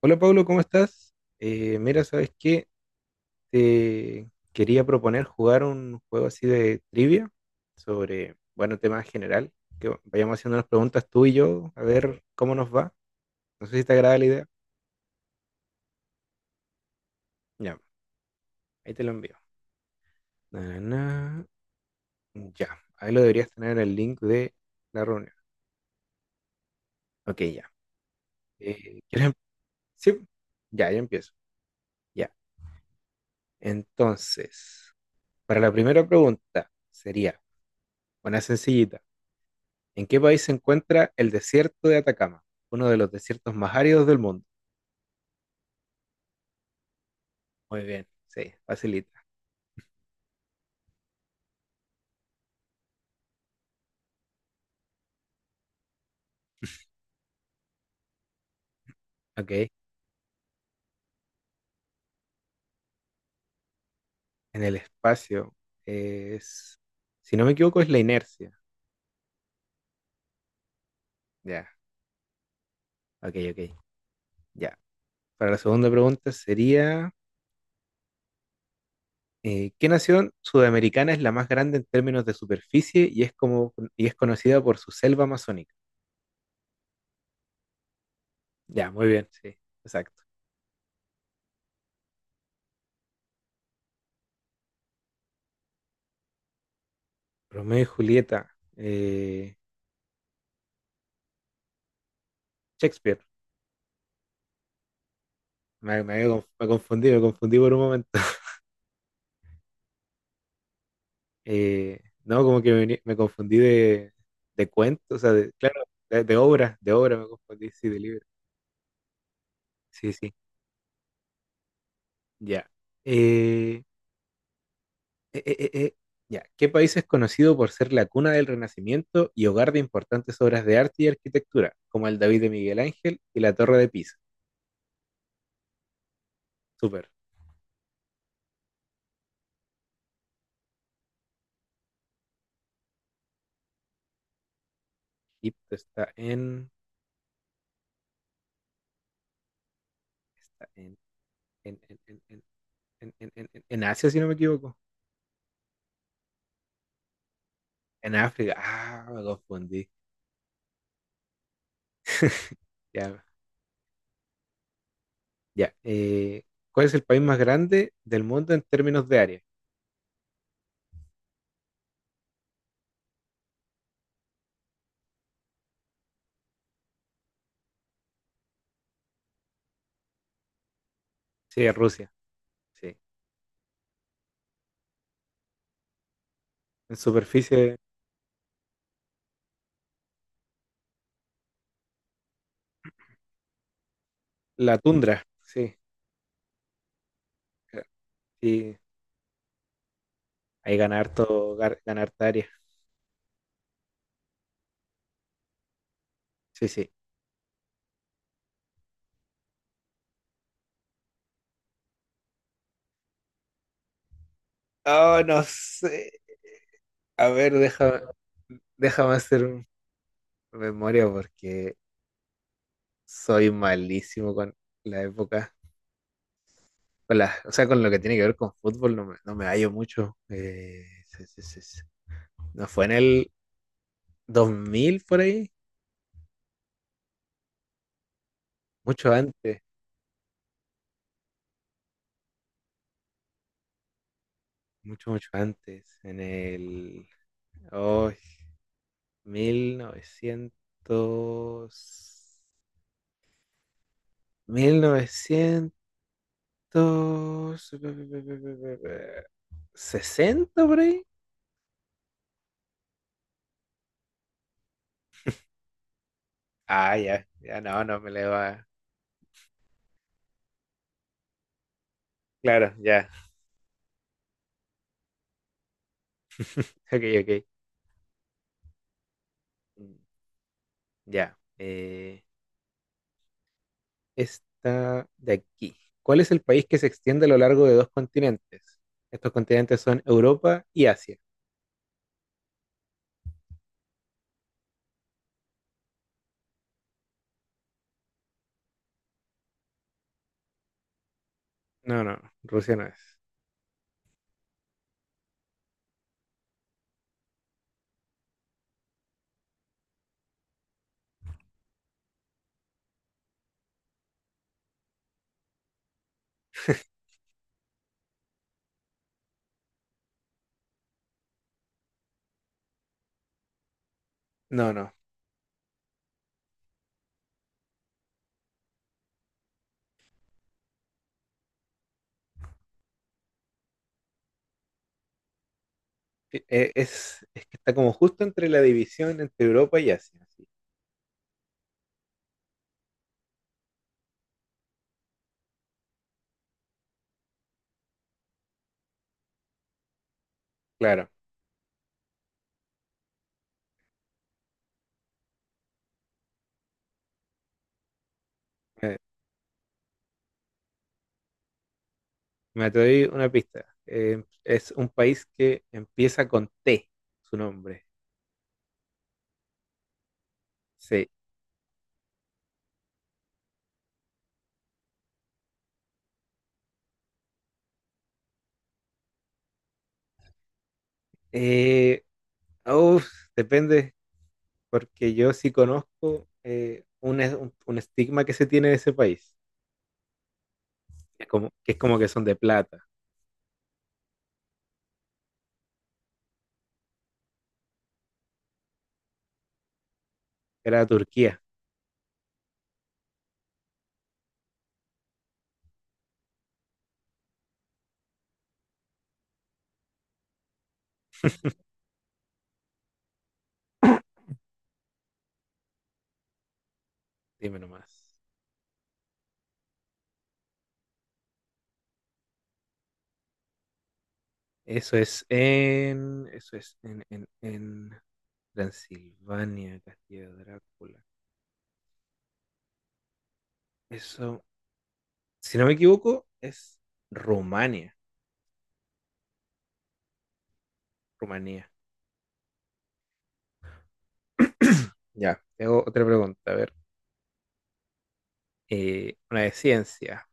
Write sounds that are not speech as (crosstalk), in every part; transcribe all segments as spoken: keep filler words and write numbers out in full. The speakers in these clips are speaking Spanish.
Hola Pablo, ¿cómo estás? Eh, mira, ¿sabes qué? Te quería proponer jugar un juego así de trivia sobre, bueno, tema general, que vayamos haciendo unas preguntas tú y yo, a ver cómo nos va. No sé si te agrada la idea. Ya, ahí te lo envío. Na, na, na. Ya, ahí lo deberías tener en el link de la reunión. Ok, ya. Eh, ¿quieres em- sí, ya, ya empiezo. Ya. Entonces, para la primera pregunta sería, una sencillita. ¿En qué país se encuentra el desierto de Atacama? Uno de los desiertos más áridos del mundo. Muy bien. Sí, facilita. Ok. En el espacio es, si no me equivoco, es la inercia. Ya, ok, ok. Ya. Para la segunda pregunta sería, eh, ¿qué nación sudamericana es la más grande en términos de superficie y es como y es conocida por su selva amazónica? Ya, muy bien. Sí, exacto. Romeo y Julieta. eh, Shakespeare. Me, me, Me confundí, me confundí por un momento. Eh, no, como que me, vení- me confundí de, de cuento, o sea, de- claro, de, de obra, de obra me confundí, sí, de libro. Sí, sí, ya. Eh, eh, eh, eh, eh, ya. ¿Qué país es conocido por ser la cuna del Renacimiento y hogar de importantes obras de arte y arquitectura, como el David de Miguel Ángel y la Torre de Pisa? Súper. Egipto está en, está en, en, en, en, en, en, en, en en Asia, si no me equivoco. En África. Ah, me confundí. (laughs) Ya, ya. Eh, ¿cuál es el país más grande del mundo en términos de área? Sí, Rusia. Sí. En superficie, la tundra. Sí. Sí. Ahí ganar harto, gar- gana harta área. Sí, sí. Oh, no sé. A ver, déjame, déjame hacer un- memoria porque soy malísimo con la época. Con la, o sea, con lo que tiene que ver con fútbol no me, no me hallo mucho. Eh, sí, sí, sí, sí. ¿No fue en el dos mil por ahí? Mucho antes. Mucho, mucho antes, en el oh, mil novecientos, mil novecientos sesenta por ahí. Ah, ya, ya no, no me le va. Claro, ya. (laughs) Ok, ok. Mm, ya. Eh, esta de aquí. ¿Cuál es el país que se extiende a lo largo de dos continentes? Estos continentes son Europa y Asia. No, no, Rusia no es. No, no. E- e- es, es que está como justo entre la división entre Europa y Asia. Sí. Claro, eh, me doy una pista. Eh, es un país que empieza con T, su nombre. Sí. Eh, uf, depende, porque yo sí conozco eh, un, es- un- un estigma que se tiene de ese país, que es como que, es como que son de plata. Era Turquía, dime nomás. Eso es en, eso es en, en, en Transilvania, Castilla Drácula. Eso, si no me equivoco, es Rumania. Rumanía. Ya, tengo otra pregunta. A ver, eh, una de ciencia.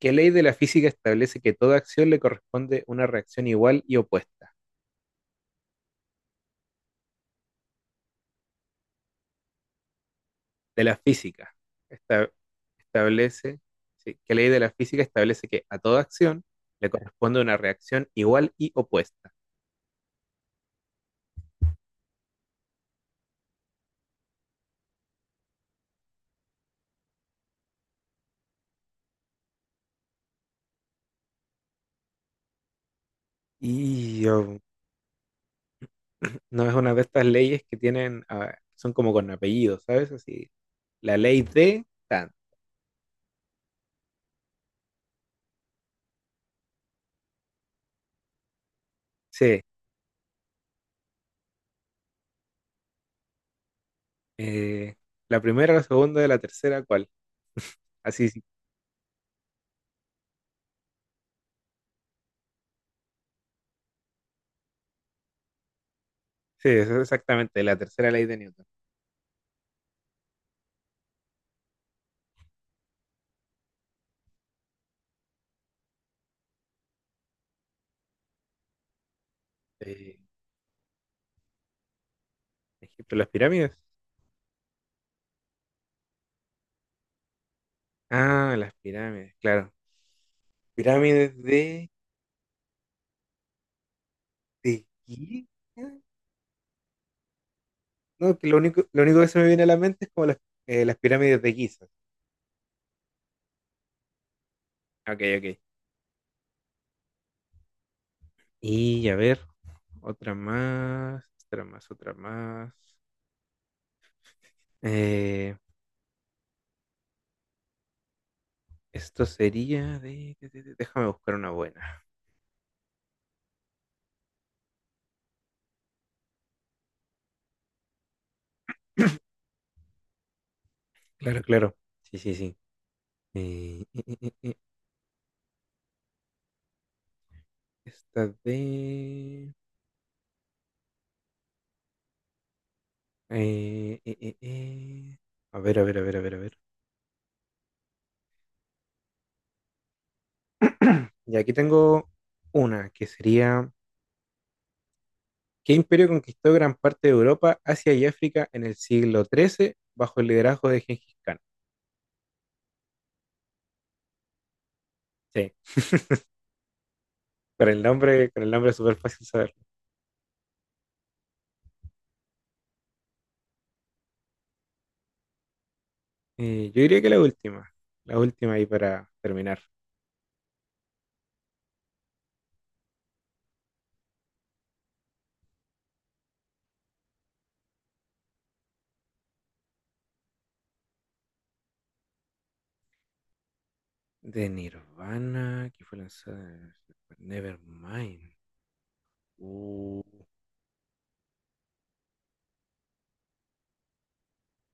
¿Qué ley de la física establece que toda acción le corresponde una reacción igual y opuesta? De la física. Esta- Establece, sí, ¿qué ley de la física establece que a toda acción le corresponde una reacción igual y opuesta? Y um, (clears throat) no es una de estas leyes que tienen, ah, son como con apellidos, ¿sabes? Así, la ley de tan. Sí, Eh, la primera, la segunda y la tercera, ¿cuál? Así, sí, sí, eso es exactamente, la tercera ley de Newton. Eh, Egipto, las pirámides. Ah, las pirámides, claro. Pirámides de, de Giza. No, que lo único, lo único que se me viene a la mente es como las, eh, las pirámides de Giza. Ok, ok. Y a ver, otra más, otra más, otra más. Eh, esto sería de, de- de- de- Déjame buscar una buena. Claro, claro. Sí, sí, sí. Eh, (laughs) esta de... eh, eh, eh, eh. A ver, a ver, a ver, a ver, a ver. Y aquí tengo una que sería, ¿qué imperio conquistó gran parte de Europa, Asia y África en el siglo trece bajo el liderazgo de Gengis Khan? Sí, con el nombre, con el nombre es súper fácil saberlo. Eh, yo diría que la última, la última ahí para terminar. De Nirvana, que fue lanzada en Nevermind. Uh,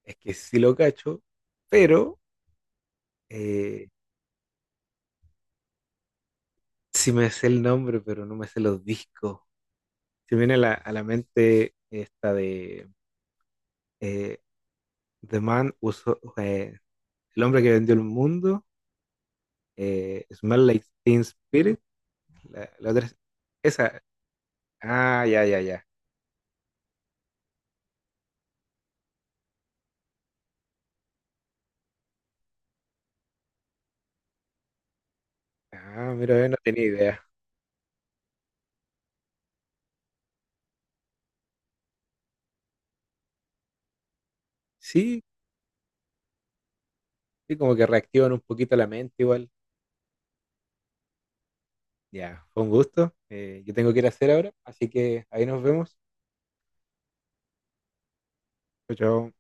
es que sí lo cacho, pero... eh, sí me sé el nombre, pero no me sé los discos. Se me viene a la, a la mente esta de eh, The Man Who So- eh, El hombre que vendió el mundo, eh, Smell Like Teen Spirit, la, la otra es- esa. Ah, ya, ya, ya. Ah, mira, eh, no tenía idea. Sí, sí, como que reactivan un poquito la mente igual. Ya, fue un gusto. Eh, yo tengo que ir a hacer ahora, así que ahí nos vemos. Chao, chao.